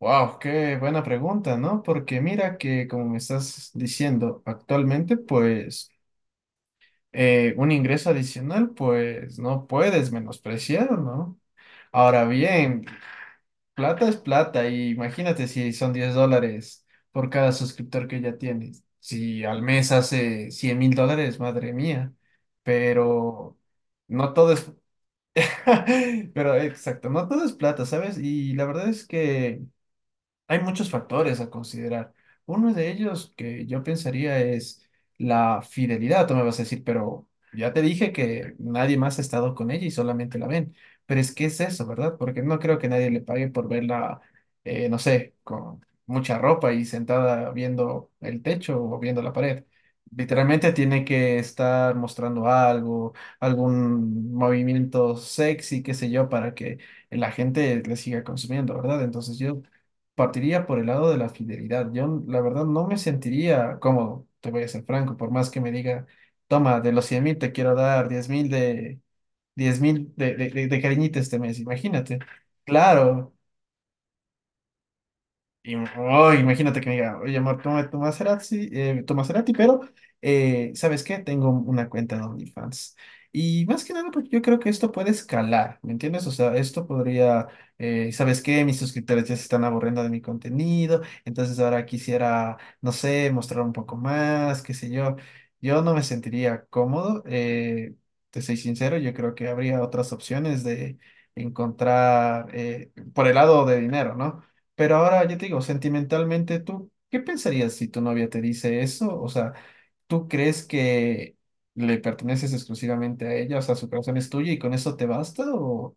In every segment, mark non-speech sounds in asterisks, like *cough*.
Wow, qué buena pregunta, ¿no? Porque mira que, como me estás diciendo actualmente, pues un ingreso adicional, pues no puedes menospreciar, ¿no? Ahora bien, plata es plata y imagínate si son $10 por cada suscriptor que ya tienes. Si al mes hace $100,000, madre mía, pero no todo es, *laughs* pero exacto, no todo es plata, ¿sabes? Y la verdad es que hay muchos factores a considerar. Uno de ellos que yo pensaría es la fidelidad. Tú me vas a decir, pero ya te dije que nadie más ha estado con ella y solamente la ven. Pero es que es eso, ¿verdad? Porque no creo que nadie le pague por verla, no sé, con mucha ropa y sentada viendo el techo o viendo la pared. Literalmente tiene que estar mostrando algo, algún movimiento sexy, qué sé yo, para que la gente le siga consumiendo, ¿verdad? Entonces yo partiría por el lado de la fidelidad. Yo, la verdad, no me sentiría cómodo, te voy a ser franco, por más que me diga, toma, de los 100,000 te quiero dar 10,000 de, cariñito este mes, imagínate. Claro, y, oh, imagínate que me diga, oye, amor, toma toma Cerati, pero ¿sabes qué? Tengo una cuenta de OnlyFans. Y más que nada, porque yo creo que esto puede escalar, ¿me entiendes? O sea, esto podría, ¿sabes qué? Mis suscriptores ya se están aburriendo de mi contenido, entonces ahora quisiera, no sé, mostrar un poco más, qué sé yo. Yo no me sentiría cómodo, te soy sincero, yo creo que habría otras opciones de encontrar por el lado de dinero, ¿no? Pero ahora yo te digo, sentimentalmente, ¿tú qué pensarías si tu novia te dice eso? O sea, ¿tú crees que le perteneces exclusivamente a ella? O sea, ¿su corazón es tuyo y con eso te basta? ¿O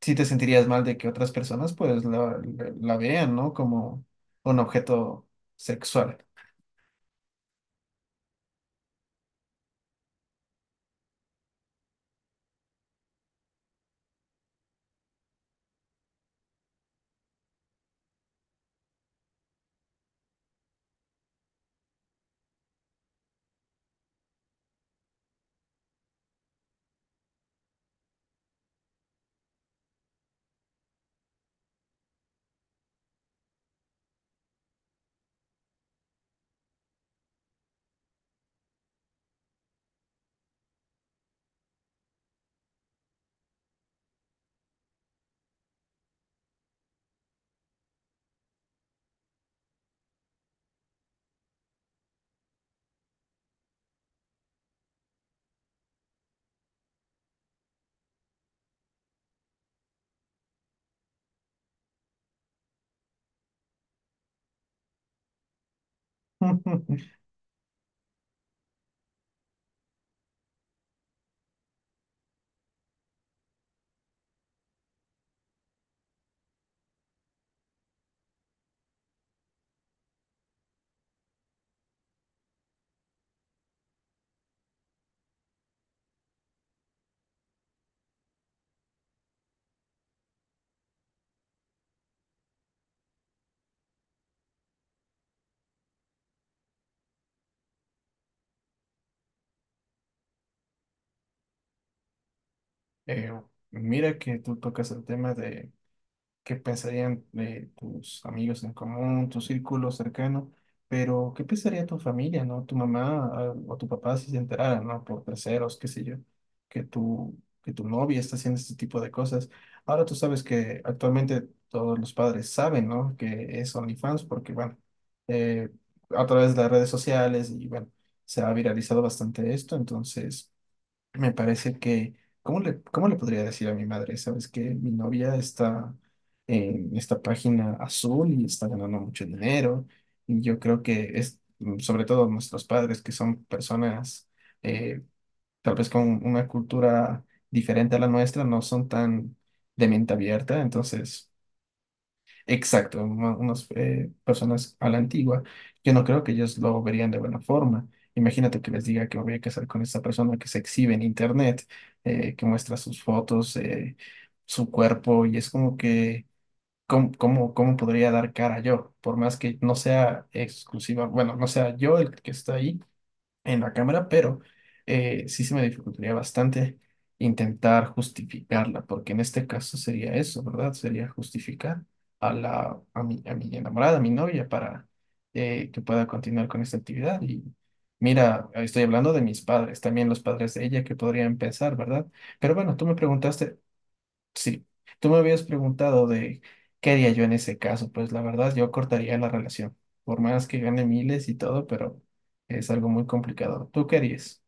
si te sentirías mal de que otras personas pues la vean, ¿no? Como un objeto sexual. *laughs* Eh, mira que tú tocas el tema de qué pensarían de tus amigos en común, tu círculo cercano, pero qué pensaría tu familia, ¿no? Tu mamá o tu papá si se enteraran, ¿no? Por terceros, qué sé yo, que tu, que tu novia está haciendo este tipo de cosas. Ahora tú sabes que actualmente todos los padres saben, ¿no? Que es OnlyFans porque, bueno, eh, a través de las redes sociales y, bueno, se ha viralizado bastante esto, entonces me parece que, ¿¿cómo le podría decir a mi madre? ¿Sabes que mi novia está en esta página azul y está ganando mucho dinero? Y yo creo que es, sobre todo nuestros padres, que son personas eh, tal vez con una cultura diferente a la nuestra, no son tan de mente abierta. Entonces, exacto, unas personas a la antigua, yo no creo que ellos lo verían de buena forma. Imagínate que les diga que me voy a casar con esta persona que se exhibe en internet, que muestra sus fotos, su cuerpo, y es como que, ¿¿cómo podría dar cara yo? Por más que no sea exclusiva, bueno, no sea yo el que está ahí, en la cámara, pero sí se me dificultaría bastante intentar justificarla, porque en este caso sería eso, ¿verdad? Sería justificar a mi enamorada, a mi novia, para que pueda continuar con esta actividad. Y mira, estoy hablando de mis padres, también los padres de ella que podrían pensar, ¿verdad? Pero bueno, tú me preguntaste. Sí, tú me habías preguntado de qué haría yo en ese caso. Pues la verdad, yo cortaría la relación, por más que gane miles y todo, pero es algo muy complicado. ¿Tú qué harías?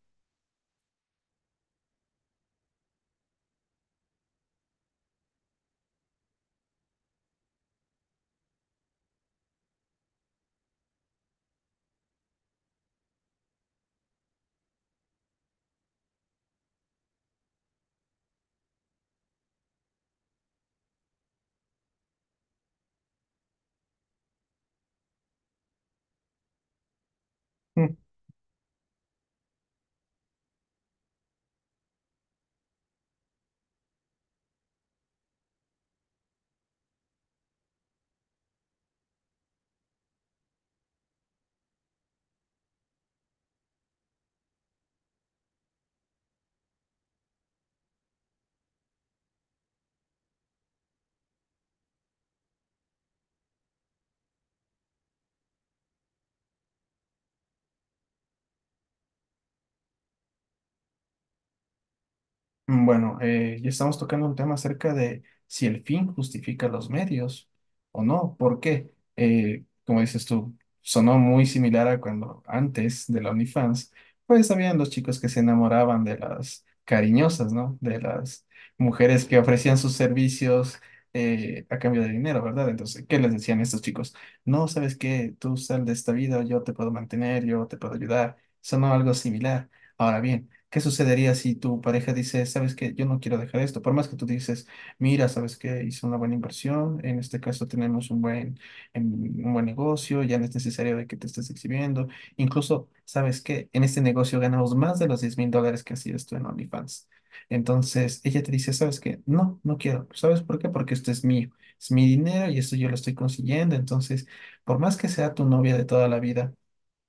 Bueno, ya estamos tocando un tema acerca de si el fin justifica los medios o no. ¿Por qué? Como dices tú, sonó muy similar a cuando antes de la OnlyFans, pues habían los chicos que se enamoraban de las cariñosas, ¿no? De las mujeres que ofrecían sus servicios a cambio de dinero, ¿verdad? Entonces, ¿qué les decían estos chicos? No, ¿sabes qué? Tú sal de esta vida, yo te puedo mantener, yo te puedo ayudar. Sonó algo similar. Ahora bien, ¿qué sucedería si tu pareja dice, sabes que yo no quiero dejar esto? Por más que tú dices, mira, sabes que hice una buena inversión, en este caso tenemos un buen, un buen negocio, ya no es necesario de que te estés exhibiendo. Incluso, sabes que en este negocio ganamos más de los $10,000 que hacías tú en OnlyFans. Entonces, ella te dice, ¿sabes qué? No, no quiero. ¿Sabes por qué? Porque esto es mío, es mi dinero y esto yo lo estoy consiguiendo. Entonces, por más que sea tu novia de toda la vida,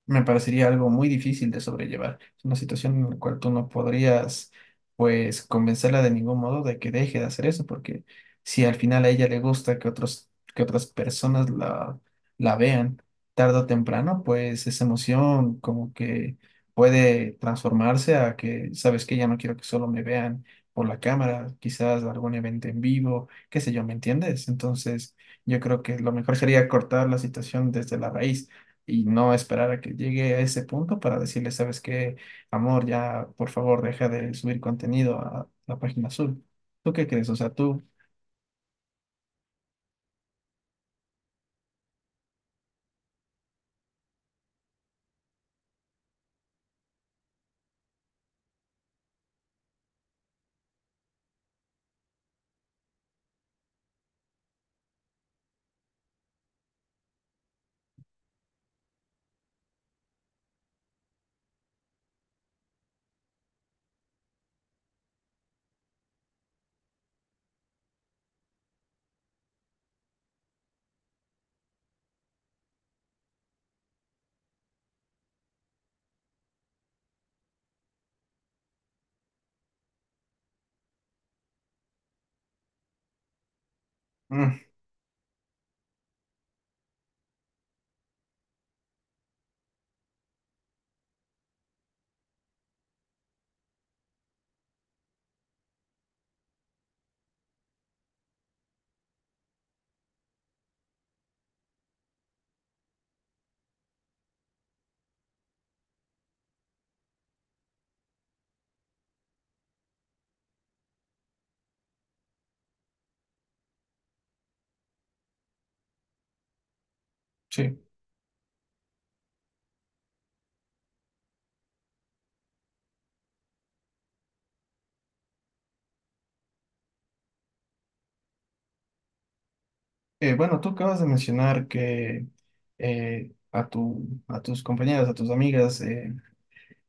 me parecería algo muy difícil de sobrellevar. Es una situación en la cual tú no podrías, pues, convencerla de ningún modo de que deje de hacer eso, porque si al final a ella le gusta que otras personas la vean tarde o temprano, pues esa emoción como que puede transformarse a que, sabes que ya no quiero que solo me vean por la cámara, quizás algún evento en vivo, qué sé yo, ¿me entiendes? Entonces, yo creo que lo mejor sería cortar la situación desde la raíz y no esperar a que llegue a ese punto para decirle, ¿sabes qué, amor? Ya, por favor, deja de subir contenido a la página azul. ¿Tú qué crees? O sea, tú, mm, sí. Bueno, tú acabas de mencionar que a tus compañeras, a tus amigas,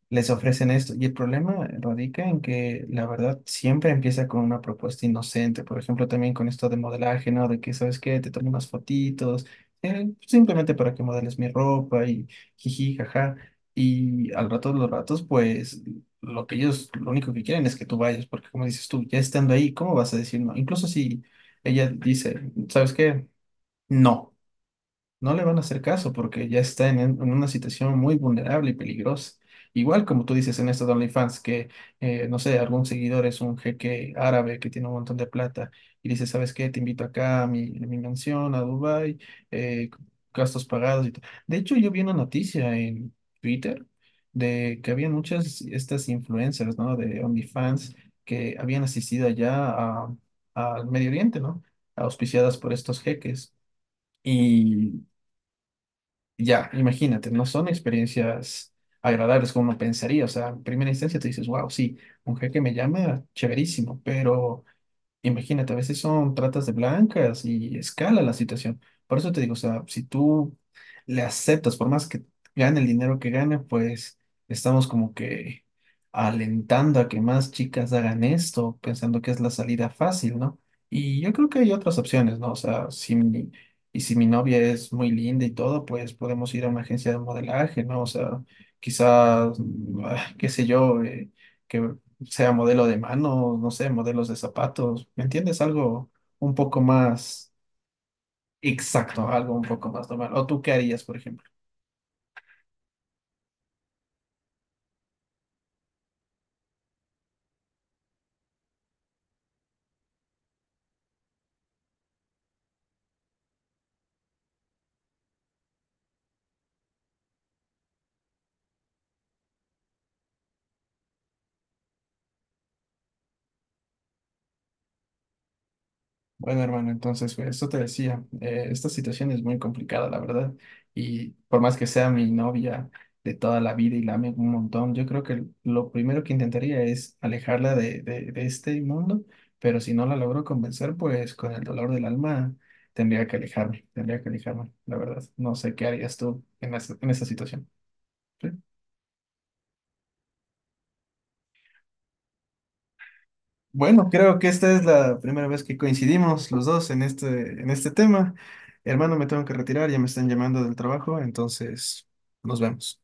les ofrecen esto. Y el problema radica en que la verdad siempre empieza con una propuesta inocente. Por ejemplo, también con esto de modelaje, ¿no? De que, ¿sabes qué? Te tomo unas fotitos, simplemente para que modeles mi ropa y jiji, jaja. Y al rato de los ratos, pues lo que ellos, lo único que quieren es que tú vayas, porque como dices tú, ya estando ahí, ¿cómo vas a decir no? Incluso si ella dice, ¿sabes qué? No, no le van a hacer caso porque ya está en una situación muy vulnerable y peligrosa. Igual como tú dices en estos OnlyFans, que no sé, algún seguidor es un jeque árabe que tiene un montón de plata y dice, ¿sabes qué? Te invito acá a a mi mansión, a Dubái, eh, gastos pagados y todo. De hecho, yo vi una noticia en Twitter de que había muchas estas influencers, ¿no? De OnlyFans que habían asistido allá al Medio Oriente, ¿no? Auspiciadas por estos jeques. Y ya, imagínate, no son experiencias agradables como uno pensaría. O sea, en primera instancia te dices, wow, sí, un jeque me llama, chéverísimo, pero imagínate, a veces son tratas de blancas y escala la situación. Por eso te digo, o sea, si tú le aceptas, por más que gane el dinero que gane, pues estamos como que alentando a que más chicas hagan esto, pensando que es la salida fácil, ¿no? Y yo creo que hay otras opciones, ¿no? O sea, si mi novia es muy linda y todo, pues podemos ir a una agencia de modelaje, ¿no? O sea, quizás, qué sé yo, que sea modelo de manos, no sé, modelos de zapatos, ¿me entiendes? Algo un poco más exacto, algo un poco más normal. ¿O tú qué harías, por ejemplo? Bueno, hermano, entonces, pues, esto te decía, esta situación es muy complicada, la verdad, y por más que sea mi novia de toda la vida y la ame un montón, yo creo que lo primero que intentaría es alejarla de este mundo, pero si no la logro convencer, pues con el dolor del alma tendría que alejarme, la verdad. No sé qué harías tú en esa situación. Bueno, creo que esta es la primera vez que coincidimos los dos en este tema. Hermano, me tengo que retirar, ya me están llamando del trabajo, entonces nos vemos.